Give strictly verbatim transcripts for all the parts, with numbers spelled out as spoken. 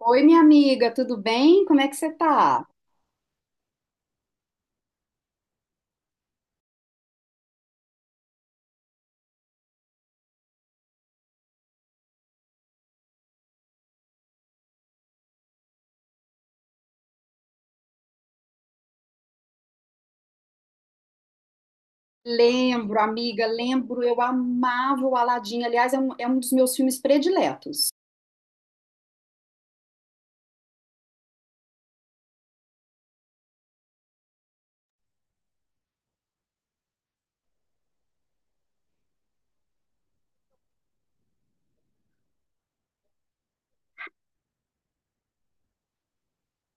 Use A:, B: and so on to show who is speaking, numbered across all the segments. A: Oi, minha amiga, tudo bem? Como é que você tá? Lembro, amiga, lembro, eu amava o Aladim. Aliás, é um, é um dos meus filmes prediletos.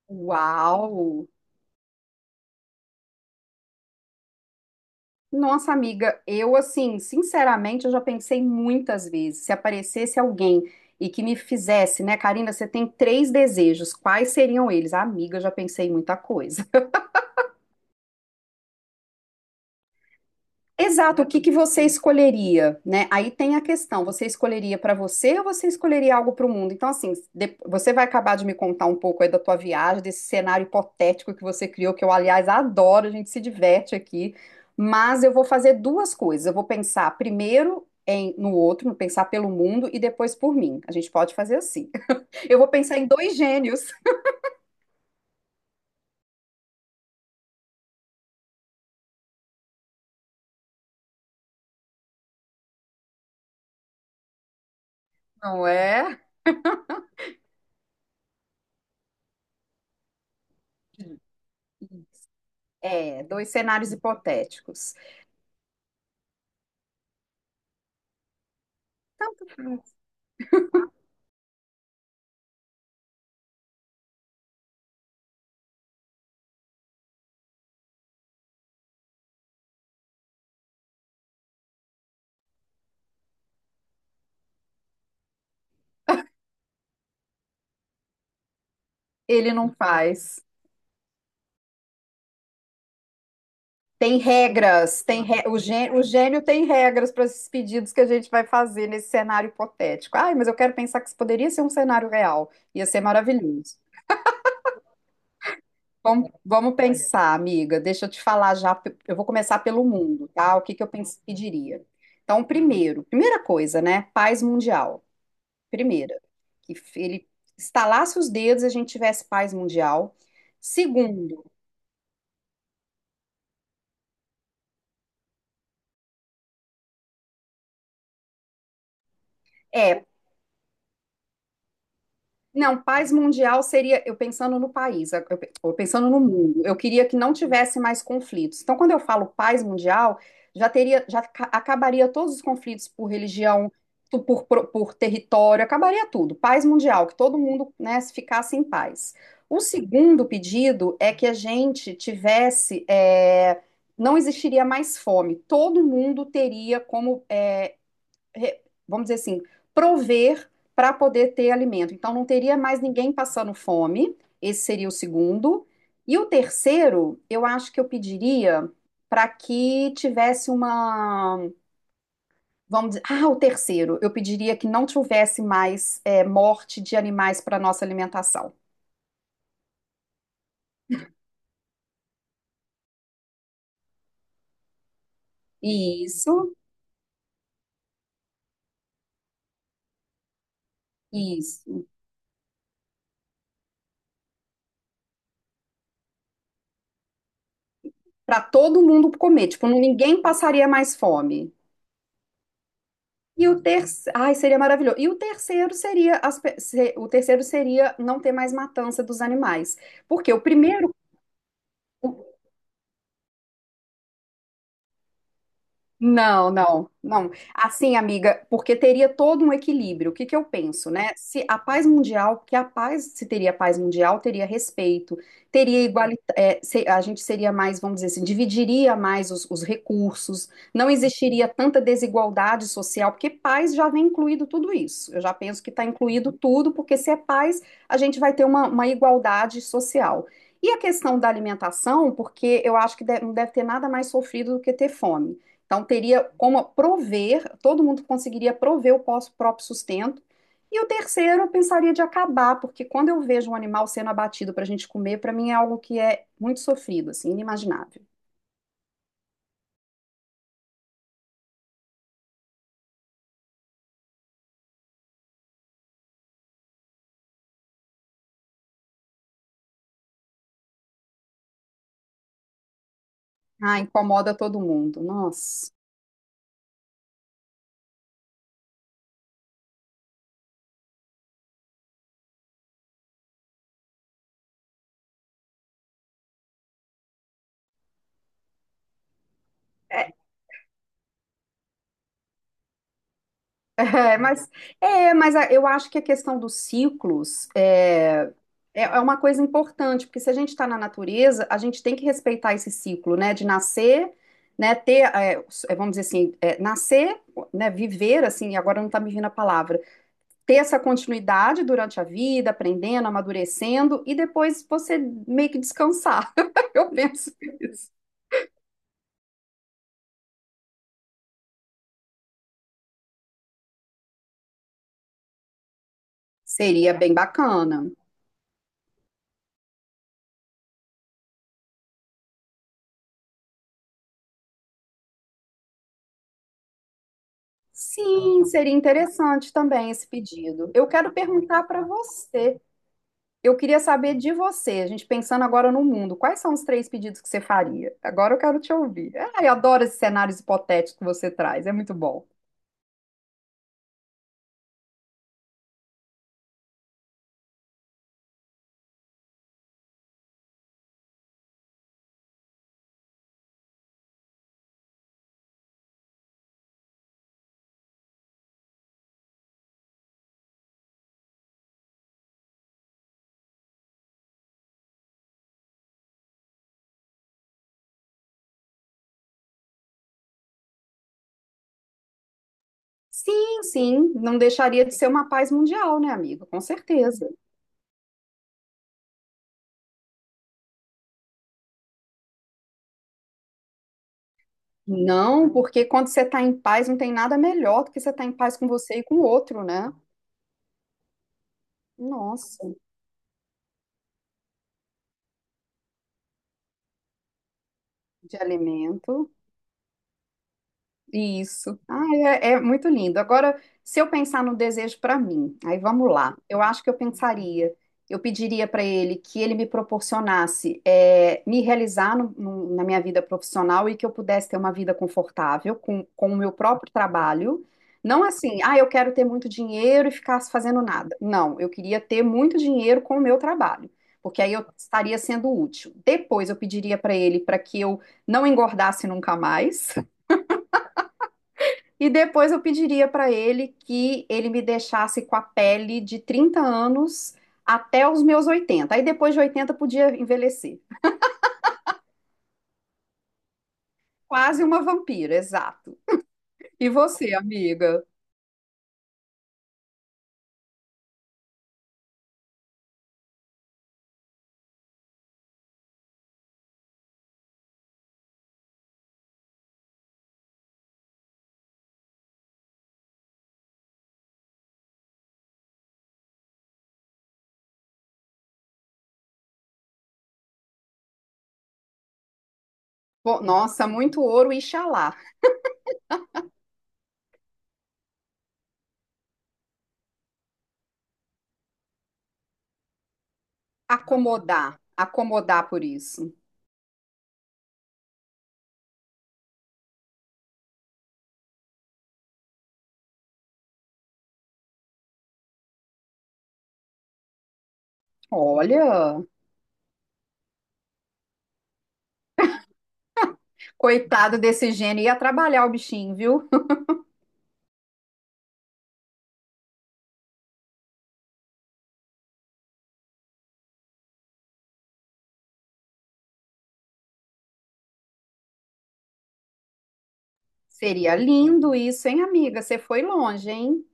A: Uau! Nossa, amiga, eu assim, sinceramente, eu já pensei muitas vezes, se aparecesse alguém e que me fizesse, né, Karina, você tem três desejos, quais seriam eles? Amiga, eu já pensei em muita coisa. Exato, o que que você escolheria, né? Aí tem a questão, você escolheria para você ou você escolheria algo para o mundo? Então, assim, de- você vai acabar de me contar um pouco aí da tua viagem, desse cenário hipotético que você criou, que eu, aliás, adoro, a gente se diverte aqui, mas eu vou fazer duas coisas. Eu vou pensar primeiro em, no outro, pensar pelo mundo e depois por mim. A gente pode fazer assim. Eu vou pensar em dois gênios, não é? É, dois cenários hipotéticos. Tanto faz. Ele não faz. Tem regras, tem re... o gênio, o gênio tem regras para esses pedidos que a gente vai fazer nesse cenário hipotético. Ai, mas eu quero pensar que isso poderia ser um cenário real. Ia ser maravilhoso. Vamos, vamos pensar, amiga. Deixa eu te falar já. pe- Eu vou começar pelo mundo, tá? O que que eu pens- pediria? Então, primeiro, primeira coisa, né? Paz mundial. Primeira, que f- ele estalasse os dedos e a gente tivesse paz mundial. Segundo, é Não, paz mundial seria, eu pensando no país, eu pe- eu pensando no mundo, eu queria que não tivesse mais conflitos. Então, quando eu falo paz mundial, já teria, já ca- acabaria todos os conflitos por religião, tu- por, pro- por território, acabaria tudo. Paz mundial, que todo mundo, né, se ficasse em paz. O segundo pedido é que a gente tivesse, é, não existiria mais fome, todo mundo teria como eh, vamos dizer assim, prover para poder ter alimento. Então, não teria mais ninguém passando fome, esse seria o segundo. E o terceiro, eu acho que eu pediria para que tivesse uma. Vamos dizer. Ah, o terceiro, eu pediria que não tivesse mais é, morte de animais para nossa alimentação. Isso, isso. Para todo mundo comer, tipo, ninguém passaria mais fome. E o terceiro, ai, seria maravilhoso. E o terceiro seria as pe- se- o terceiro seria não ter mais matança dos animais. Porque o primeiro, o Não, não, não. Assim, amiga, porque teria todo um equilíbrio. O que que eu penso, né? Se a paz mundial, porque a paz, se teria paz mundial, teria respeito, teria igualdade, a gente seria mais, vamos dizer assim, dividiria mais os, os recursos, não existiria tanta desigualdade social, porque paz já vem incluído tudo isso. Eu já penso que está incluído tudo, porque se é paz, a gente vai ter uma, uma igualdade social. E a questão da alimentação, porque eu acho que de- não deve ter nada mais sofrido do que ter fome. Então, teria como prover, todo mundo conseguiria prover o pós- próprio sustento. E o terceiro, eu pensaria de acabar, porque quando eu vejo um animal sendo abatido para a gente comer, para mim é algo que é muito sofrido, assim, inimaginável. Ah, incomoda todo mundo. Nossa. É, mas, é, mas a- eu acho que a questão dos ciclos é, é é uma coisa importante, porque se a gente está na natureza, a gente tem que respeitar esse ciclo, né? De nascer, né? Ter, é, s- é, vamos dizer assim, é, nascer, né? Viver, assim, agora não está me vindo a palavra. Ter essa continuidade durante a vida, aprendendo, amadurecendo, e depois você meio que descansar. Eu penso isso. Seria bem bacana. Sim, seria interessante também esse pedido. Eu quero perguntar para você. Eu queria saber de você, a gente pensando agora no mundo, quais são os três pedidos que você faria? Agora eu quero te ouvir. Ah, eu adoro esses cenários hipotéticos que você traz, é muito bom. Sim, sim, não deixaria de ser uma paz mundial, né, amigo? Com certeza. Não, porque quando você está em paz, não tem nada melhor do que você estar em paz com você e com o outro, né? Nossa, de alimento. Isso. Ah, é, é muito lindo. Agora, se eu pensar no desejo para mim, aí vamos lá. Eu acho que eu pensaria, eu pediria para ele que ele me proporcionasse é, me realizar no- no- na minha vida profissional e que eu pudesse ter uma vida confortável com, com o meu próprio trabalho. Não assim, ah, eu quero ter muito dinheiro e ficar fazendo nada. Não, eu queria ter muito dinheiro com o meu trabalho, porque aí eu estaria sendo útil. Depois, eu pediria para ele para que eu não engordasse nunca mais. E depois eu pediria para ele que ele me deixasse com a pele de trinta anos até os meus oitenta. Aí depois de oitenta podia envelhecer. Quase uma vampira, exato. E você, amiga? Pô, nossa, muito ouro, Ixalá. Acomodar, acomodar por isso. Olha, coitado desse gênio, ia trabalhar o bichinho, viu? Seria lindo isso, hein, amiga? Você foi longe, hein?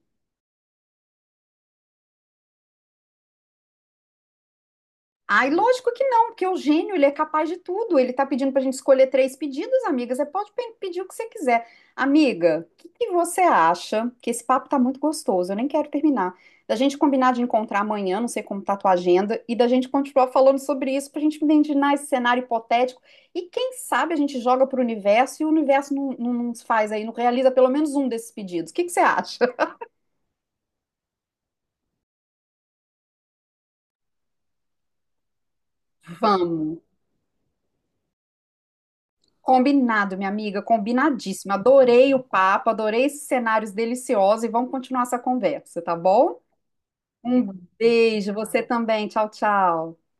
A: Ai, lógico que não, porque o gênio, ele é capaz de tudo. Ele tá pedindo pra gente escolher três pedidos, amiga. Você pode pe- pedir o que você quiser. Amiga, o que que você acha? Que esse papo tá muito gostoso, eu nem quero terminar. Da gente combinar de encontrar amanhã, não sei como tá a tua agenda, e da gente continuar falando sobre isso, pra gente imaginar esse cenário hipotético. E quem sabe a gente joga pro universo e o universo não, não nos faz aí, não realiza pelo menos um desses pedidos. O que que você acha? Vamos. Combinado, minha amiga, combinadíssimo. Adorei o papo, adorei esses cenários deliciosos e vamos continuar essa conversa, tá bom? Um beijo, você também. Tchau, tchau.